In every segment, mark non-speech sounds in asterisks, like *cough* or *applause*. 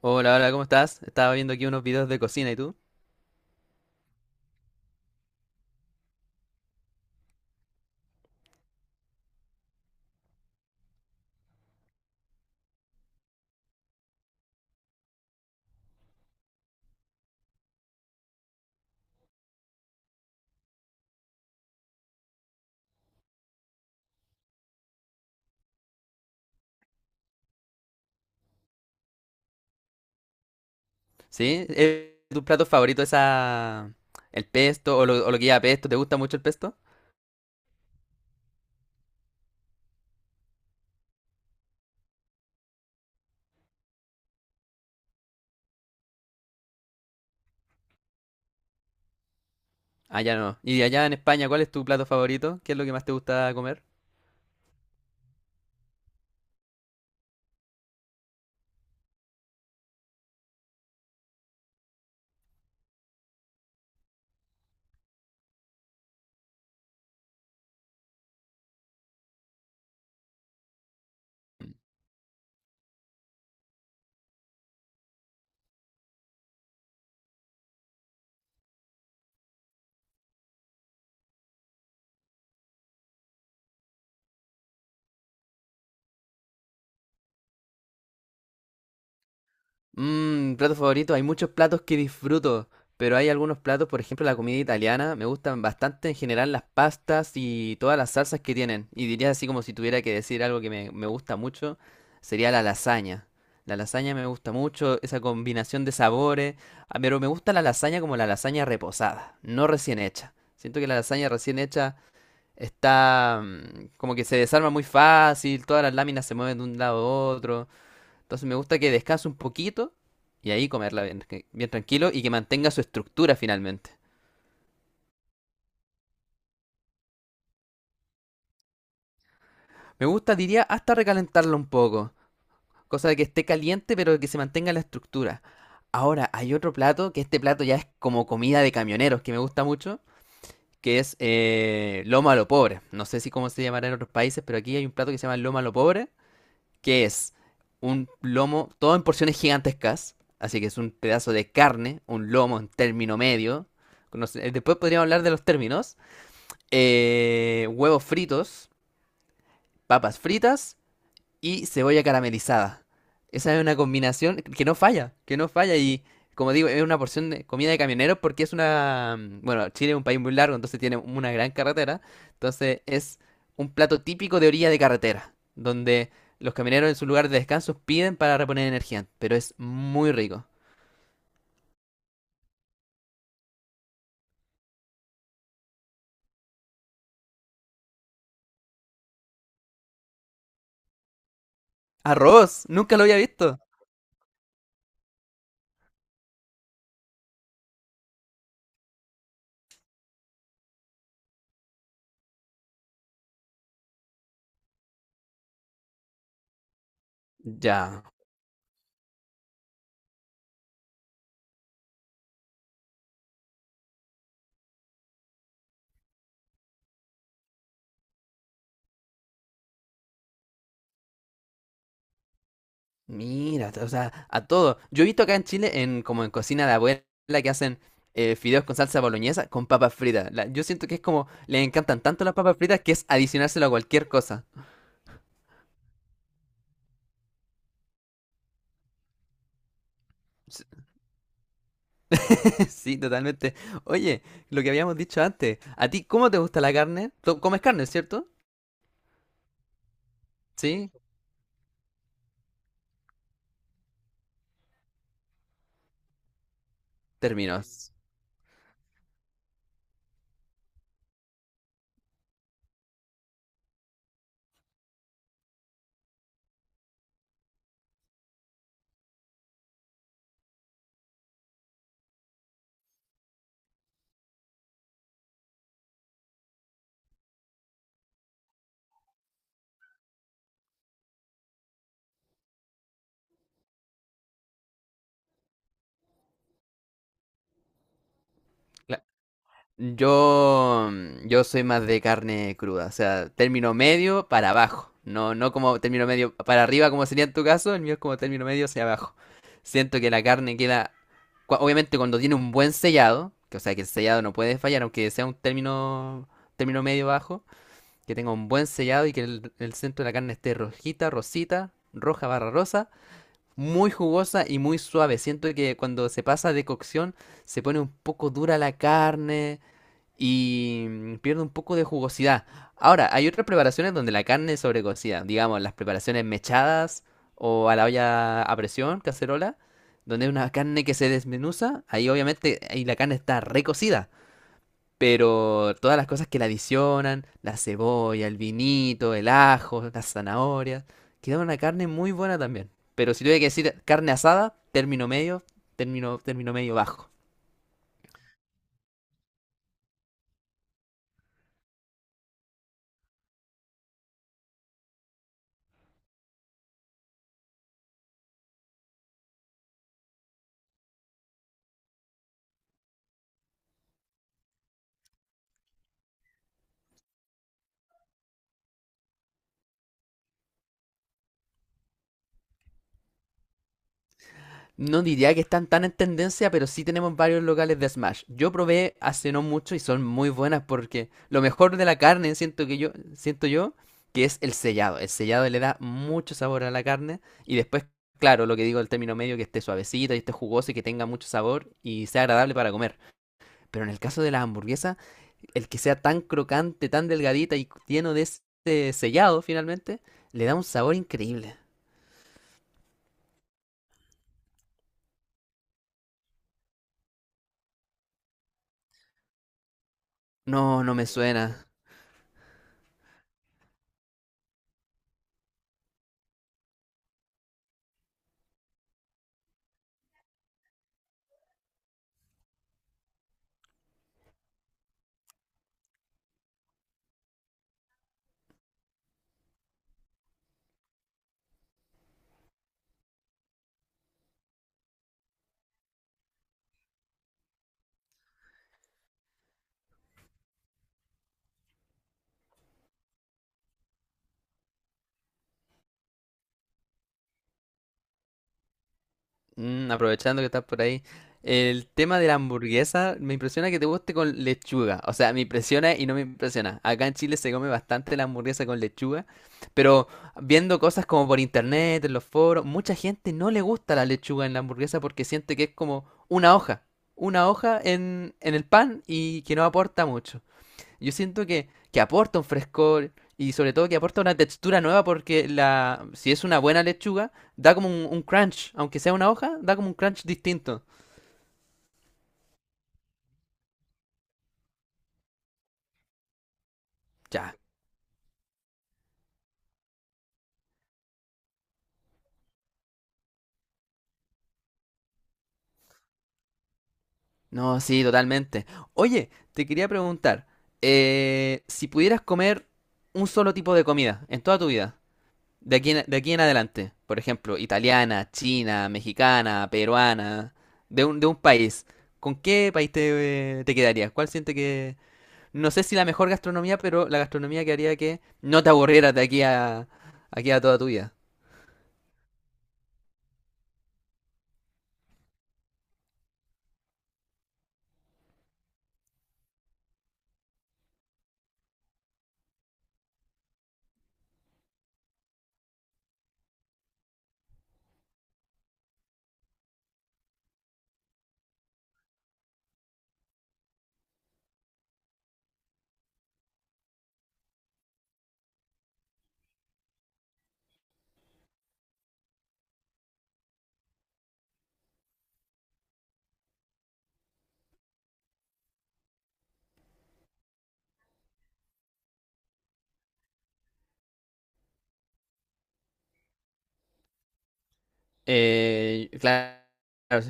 Hola, hola, ¿cómo estás? Estaba viendo aquí unos videos de cocina, ¿y tú? ¿Sí? ¿Es tu plato favorito esa... el pesto o lo que lleva pesto? ¿Te gusta mucho el pesto? Allá no. Y allá en España, ¿cuál es tu plato favorito? ¿Qué es lo que más te gusta comer? Plato favorito. Hay muchos platos que disfruto, pero hay algunos platos, por ejemplo, la comida italiana, me gustan bastante en general las pastas y todas las salsas que tienen. Y diría así como si tuviera que decir algo que me gusta mucho, sería la lasaña. La lasaña me gusta mucho, esa combinación de sabores, ah, pero me gusta la lasaña como la lasaña reposada, no recién hecha. Siento que la lasaña recién hecha está como que se desarma muy fácil, todas las láminas se mueven de un lado a otro. Entonces me gusta que descanse un poquito y ahí comerla bien, bien tranquilo y que mantenga su estructura finalmente. Me gusta, diría, hasta recalentarla un poco. Cosa de que esté caliente pero que se mantenga la estructura. Ahora, hay otro plato, que este plato ya es como comida de camioneros, que me gusta mucho, que es lomo a lo pobre. No sé si cómo se llamará en otros países, pero aquí hay un plato que se llama lomo a lo pobre, que es un lomo, todo en porciones gigantescas, así que es un pedazo de carne, un lomo en término medio. No. Después podríamos hablar de los términos. Huevos fritos, papas fritas y cebolla caramelizada. Esa es una combinación que no falla y como digo, es una porción de comida de camioneros porque es una... bueno, Chile es un país muy largo, entonces tiene una gran carretera. Entonces es un plato típico de orilla de carretera, donde los camioneros en su lugar de descanso piden para reponer energía, pero es muy rico. Arroz, nunca lo había visto. Ya. Mira, o sea, a todo. Yo he visto acá en Chile, en como en cocina de abuela, que hacen fideos con salsa boloñesa con papas fritas. Yo siento que es como, les encantan tanto las papas fritas que es adicionárselo a cualquier cosa. S- *laughs* Sí, totalmente. Oye, lo que habíamos dicho antes, ¿a ti cómo te gusta la carne? Tú comes carne, ¿cierto? Sí, términos. Yo, yo soy más de carne cruda, o sea, término medio para abajo, no como término medio para arriba como sería en tu caso, el mío es como término medio hacia abajo. Siento que la carne queda, obviamente cuando tiene un buen sellado, que o sea que el sellado no puede fallar, aunque sea un término, término medio bajo, que tenga un buen sellado y que el centro de la carne esté rojita, rosita, roja barra rosa, muy jugosa y muy suave. Siento que cuando se pasa de cocción se pone un poco dura la carne y pierde un poco de jugosidad. Ahora, hay otras preparaciones donde la carne es sobrecocida, digamos, las preparaciones mechadas o a la olla a presión, cacerola, donde hay una carne que se desmenuza, ahí obviamente ahí la carne está recocida, pero todas las cosas que la adicionan, la cebolla, el vinito, el ajo, las zanahorias, queda una carne muy buena también. Pero si tuviera que decir carne asada, término medio, término medio bajo. No diría que están tan en tendencia, pero sí tenemos varios locales de Smash. Yo probé hace no mucho y son muy buenas porque lo mejor de la carne, siento yo, que es el sellado. El sellado le da mucho sabor a la carne y después, claro, lo que digo el término medio, que esté suavecita y esté jugosa y que tenga mucho sabor y sea agradable para comer. Pero en el caso de las hamburguesas el que sea tan crocante, tan delgadita y lleno de ese sellado finalmente, le da un sabor increíble. No, no me suena. Mm, aprovechando que estás por ahí, el tema de la hamburguesa me impresiona que te guste con lechuga. O sea, me impresiona y no me impresiona. Acá en Chile se come bastante la hamburguesa con lechuga, pero viendo cosas como por internet, en los foros, mucha gente no le gusta la lechuga en la hamburguesa porque siente que es como una hoja en el pan y que no aporta mucho. Yo siento que aporta un frescor y sobre todo que aporta una textura nueva porque si es una buena lechuga, da como un crunch, aunque sea una hoja, da como un crunch distinto. Ya, no, sí, totalmente. Oye, te quería preguntar, si pudieras comer un solo tipo de comida en toda tu vida, de aquí en adelante, por ejemplo, italiana, china, mexicana, peruana, de un país, ¿con qué país te quedarías? ¿Cuál sientes no sé si la mejor gastronomía, pero la gastronomía que haría que no te aburrieras aquí a toda tu vida. Claro,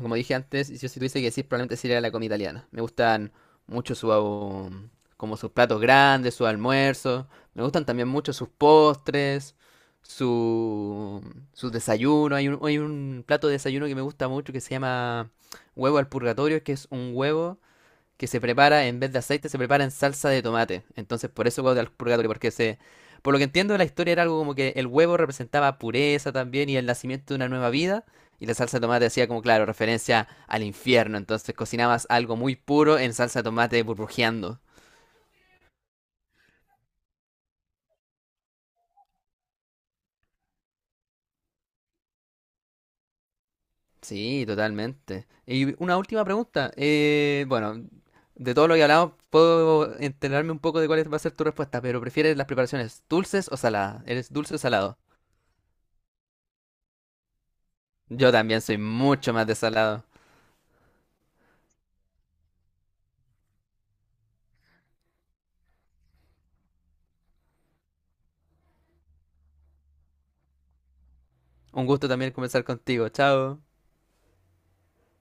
como dije antes, yo si tuviese que decir, probablemente sería la comida italiana. Me gustan mucho como sus platos grandes, sus almuerzos. Me gustan también mucho sus postres, su, sus desayunos. Hay hay un plato de desayuno que me gusta mucho que se llama huevo al purgatorio, que es un huevo que se prepara en vez de aceite, se prepara en salsa de tomate. Entonces, por eso huevo del purgatorio, porque se. Por lo que entiendo, la historia era algo como que el huevo representaba pureza también y el nacimiento de una nueva vida. Y la salsa de tomate hacía como, claro, referencia al infierno. Entonces cocinabas algo muy puro en salsa de tomate burbujeando. Sí, totalmente. Y una última pregunta. Bueno, de todo lo que hablamos, puedo enterarme un poco de cuál va a ser tu respuesta, pero ¿prefieres las preparaciones dulces o saladas? ¿Eres dulce o salado? Yo también soy mucho más de salado. Un gusto también conversar contigo. Chao.